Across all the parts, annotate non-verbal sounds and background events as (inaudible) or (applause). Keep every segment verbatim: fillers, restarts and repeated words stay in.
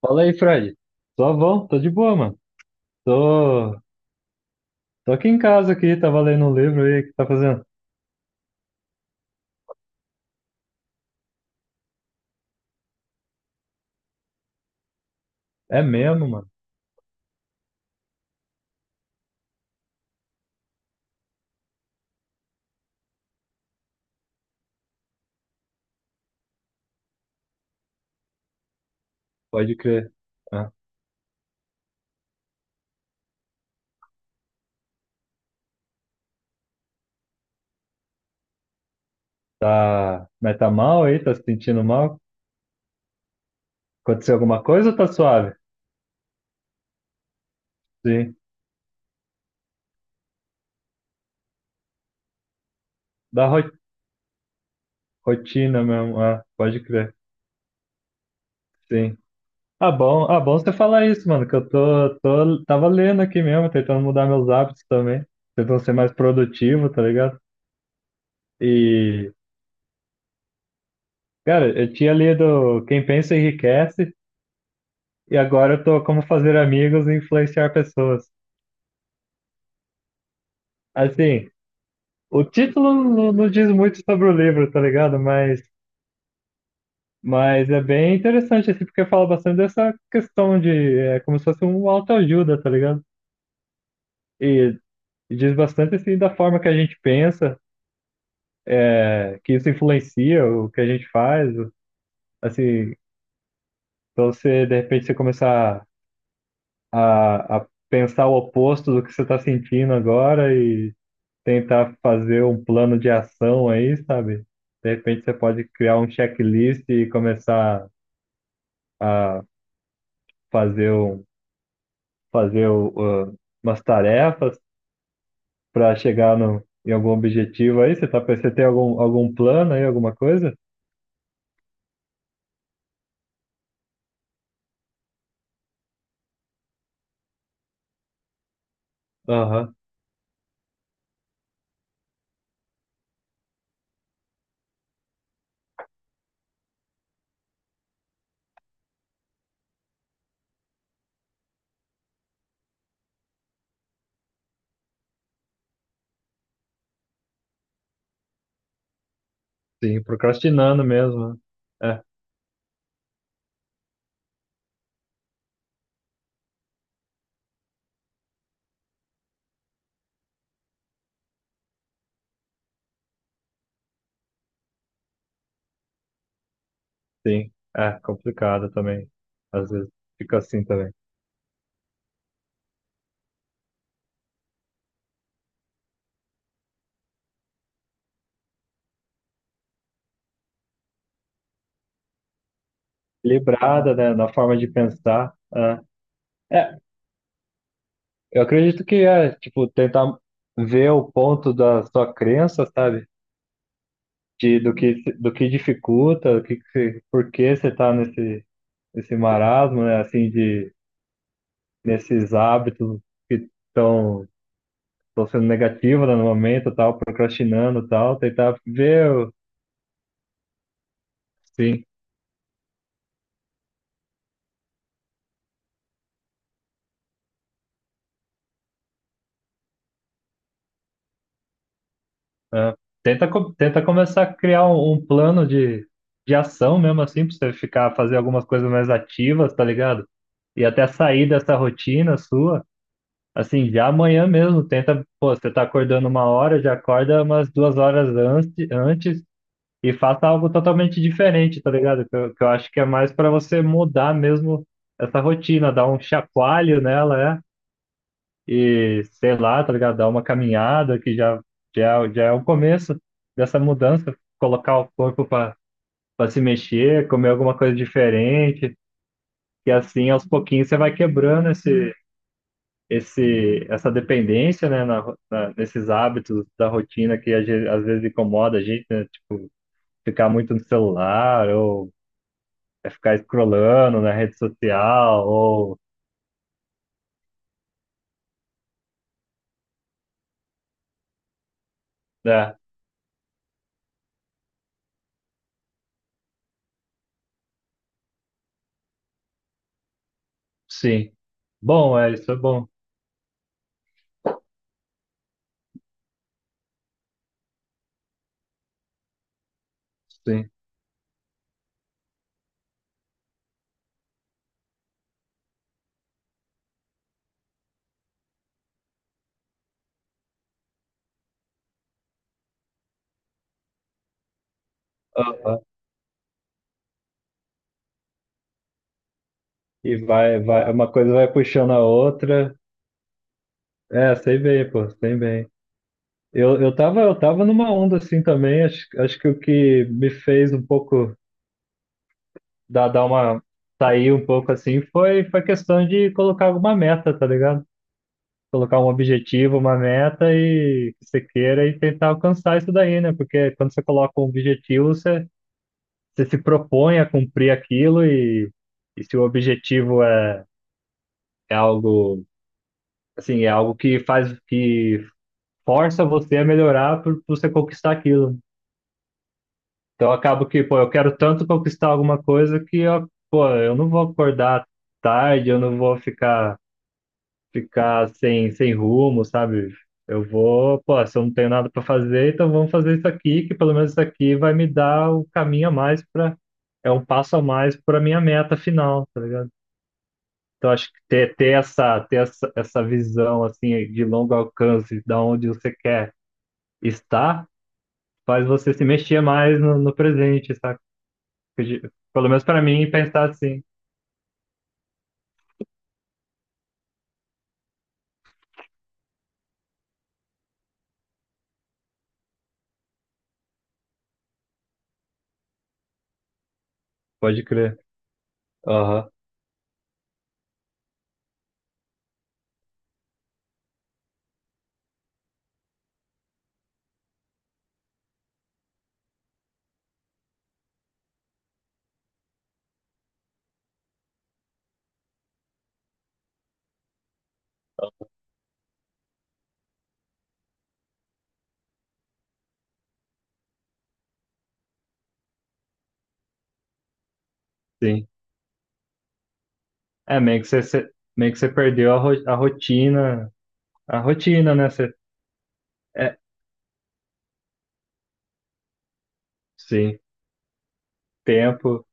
Fala aí, Fred. Tô bom, tô de boa, mano. Tô, tô aqui em casa aqui, tava lendo um livro aí, o que tá fazendo? É mesmo, mano. Pode crer. Ah, tá, mas tá mal aí? Tá se sentindo mal? Aconteceu alguma coisa ou tá suave? Sim. Da ro- Rotina mesmo. Ah, pode crer. Sim. Ah, bom, ah, bom você falar isso, mano, que eu tô, tô, tava lendo aqui mesmo, tentando mudar meus hábitos também, tentando ser mais produtivo, tá ligado? E, cara, eu tinha lido Quem Pensa Enriquece, e agora eu tô como fazer amigos e influenciar pessoas. Assim, o título não, não diz muito sobre o livro, tá ligado? Mas, mas é bem interessante, assim, porque fala bastante dessa questão de, é como se fosse um autoajuda, tá ligado? E, e diz bastante, assim, da forma que a gente pensa, é, que isso influencia o que a gente faz, assim, então você, de repente, você começar a, a pensar o oposto do que você está sentindo agora e tentar fazer um plano de ação aí, sabe? De repente você pode criar um checklist e começar a fazer, um, fazer o- o- umas tarefas para chegar no, em algum objetivo aí. Você tá, pe- você tem algum, algum plano aí, alguma coisa? Aham, sim, procrastinando mesmo. Né? É, sim, é complicado também. Às vezes fica assim também. Equilibrada, né, na forma de pensar. É. É, eu acredito que é, tipo, tentar ver o ponto da sua crença, sabe? De, do que, do que dificulta, do que, que você- por que você tá nesse, nesse marasmo, né? Assim, de, nesses hábitos que estão sendo negativos, né, no momento, tal, procrastinando, tal. Tentar ver, o- sim. Né? Tenta, co- tenta começar a criar um, um plano de, de ação mesmo, assim, pra você ficar, fazer algumas coisas mais ativas, tá ligado? E até sair dessa rotina sua. Assim, já amanhã mesmo, tenta, pô, você tá acordando uma hora, já acorda umas duas horas antes, antes e faça algo totalmente diferente, tá ligado? Que eu, que eu acho que é mais pra você mudar mesmo essa rotina, dar um chacoalho nela, é, e sei lá, tá ligado? Dar uma caminhada que já, já, já é o começo dessa mudança, colocar o corpo pra pra se mexer, comer alguma coisa diferente, e assim aos pouquinhos você vai quebrando esse esse, essa dependência, né, na, na- nesses hábitos da rotina que a gen- às vezes incomoda a gente, né, tipo, ficar muito no celular, ou é ficar scrollando na rede social, ou, né, sim. Bom, é, isso é bom, sim. Aham. E vai, vai, uma coisa vai puxando a outra, é, sei bem, pô, sei bem. Eu, eu tava, eu tava numa onda assim também, acho, acho que o que me fez um pouco dar, dar uma sair um pouco assim foi foi questão de colocar alguma meta, tá ligado? Colocar um objetivo, uma meta e que você queira e tentar alcançar isso daí, né? Porque quando você coloca um objetivo, você, você se propõe a cumprir aquilo e, e se o objetivo é, é algo assim, é algo que faz que força você a melhorar por, por você conquistar aquilo. Então eu acabo que, pô, eu quero tanto conquistar alguma coisa que eu, pô, eu não vou acordar tarde, eu não vou ficar ficar sem, sem rumo, sabe? Eu vou, pô, se eu não tenho nada para fazer, então vamos fazer isso aqui, que pelo menos isso aqui vai me dar o caminho a mais para, é um passo a mais para minha meta final, tá ligado? Então acho que ter, ter essa, ter essa, essa visão assim de longo alcance, da onde você quer estar, faz você se mexer mais no, no presente, sabe? Pelo menos para mim pensar assim, pode crer. Aham, sim. É meio que você, você- meio que você perdeu a, ro- a rotina. A rotina, né? Você, é, sim, tempo.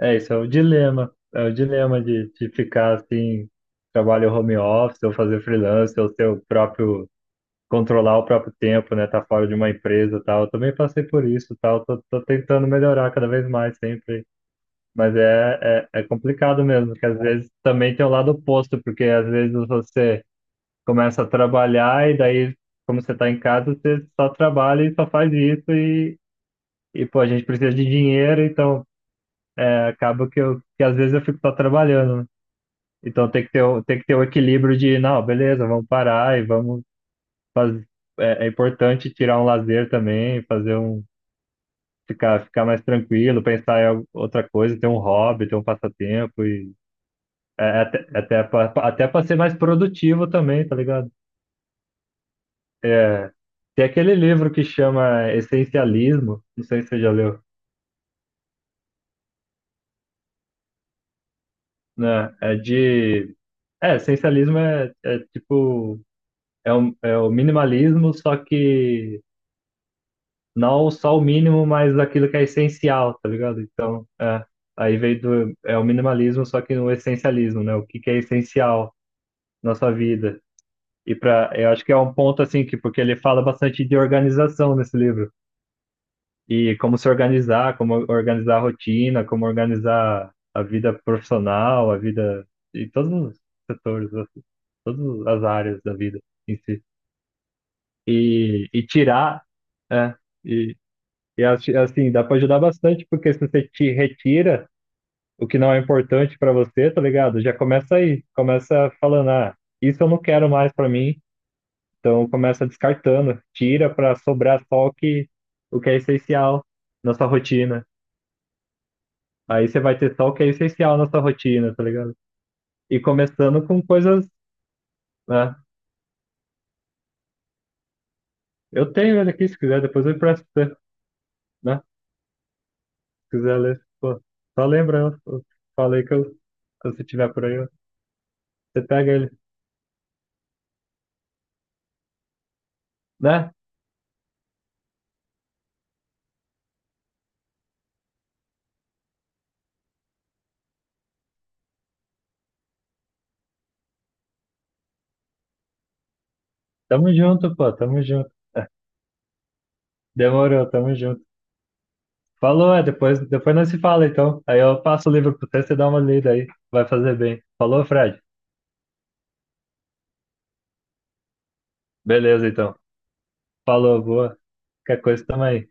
É, isso é o dilema. É o dilema de, de ficar assim, trabalho home office, ou fazer freelance, ou seu próprio, controlar o próprio tempo, né? Tá fora de uma empresa e tal. Eu também passei por isso, e tal. Tô, tô tentando melhorar cada vez mais sempre. Mas é, é, é complicado mesmo, que às vezes também tem o lado oposto, porque às vezes você começa a trabalhar e daí, como você tá em casa, você só trabalha e só faz isso. E, pô, a gente precisa de dinheiro, então é, acaba que eu que às vezes eu fico só trabalhando, né? Então tem que ter, o- tem que ter o equilíbrio de, não, beleza, vamos parar e vamos fazer. É, é importante tirar um lazer também, fazer um. Ficar, ficar mais tranquilo, pensar em al- outra coisa, ter um hobby, ter um passatempo e é, é até, é até, pra- até para ser mais produtivo também, tá ligado? Tem aquele livro que chama Essencialismo, não sei se você já leu, né? É de. É, essencialismo é, é tipo. É o, é o minimalismo, só que não só o mínimo, mas aquilo que é essencial, tá ligado? Então, é, aí veio do, é o minimalismo, só que no essencialismo, né? O que que é essencial na sua vida. E para, eu acho que é um ponto assim que porque ele fala bastante de organização nesse livro. E como se organizar, como organizar a rotina, como organizar a vida profissional, a vida em todos os setores, assim, todas as áreas da vida em si. e, e tirar, é, e, e assi- assim, dá para ajudar bastante, porque se você te retira o que não é importante para você, tá ligado? Já começa aí, começa falando, ah, isso eu não quero mais para mim, então começa descartando, tira para sobrar só o que, o que é essencial na sua rotina. Aí você vai ter só o que é essencial na sua rotina, tá ligado? E começando com coisas, né? Eu tenho ele aqui, se quiser, depois eu empresto pra você, né? Quiser ler, pô, só lembra, eu, eu falei que eu, se você tiver por aí, eu- você pega ele, né? Tamo junto, pô, tamo junto. (laughs) Demorou, tamo junto. Falou, é, depois, depois nós se fala, então. Aí eu passo o livro pro você, você dá uma lida aí, vai fazer bem. Falou, Fred? Beleza, então. Falou, boa. Qualquer coisa, tamo aí.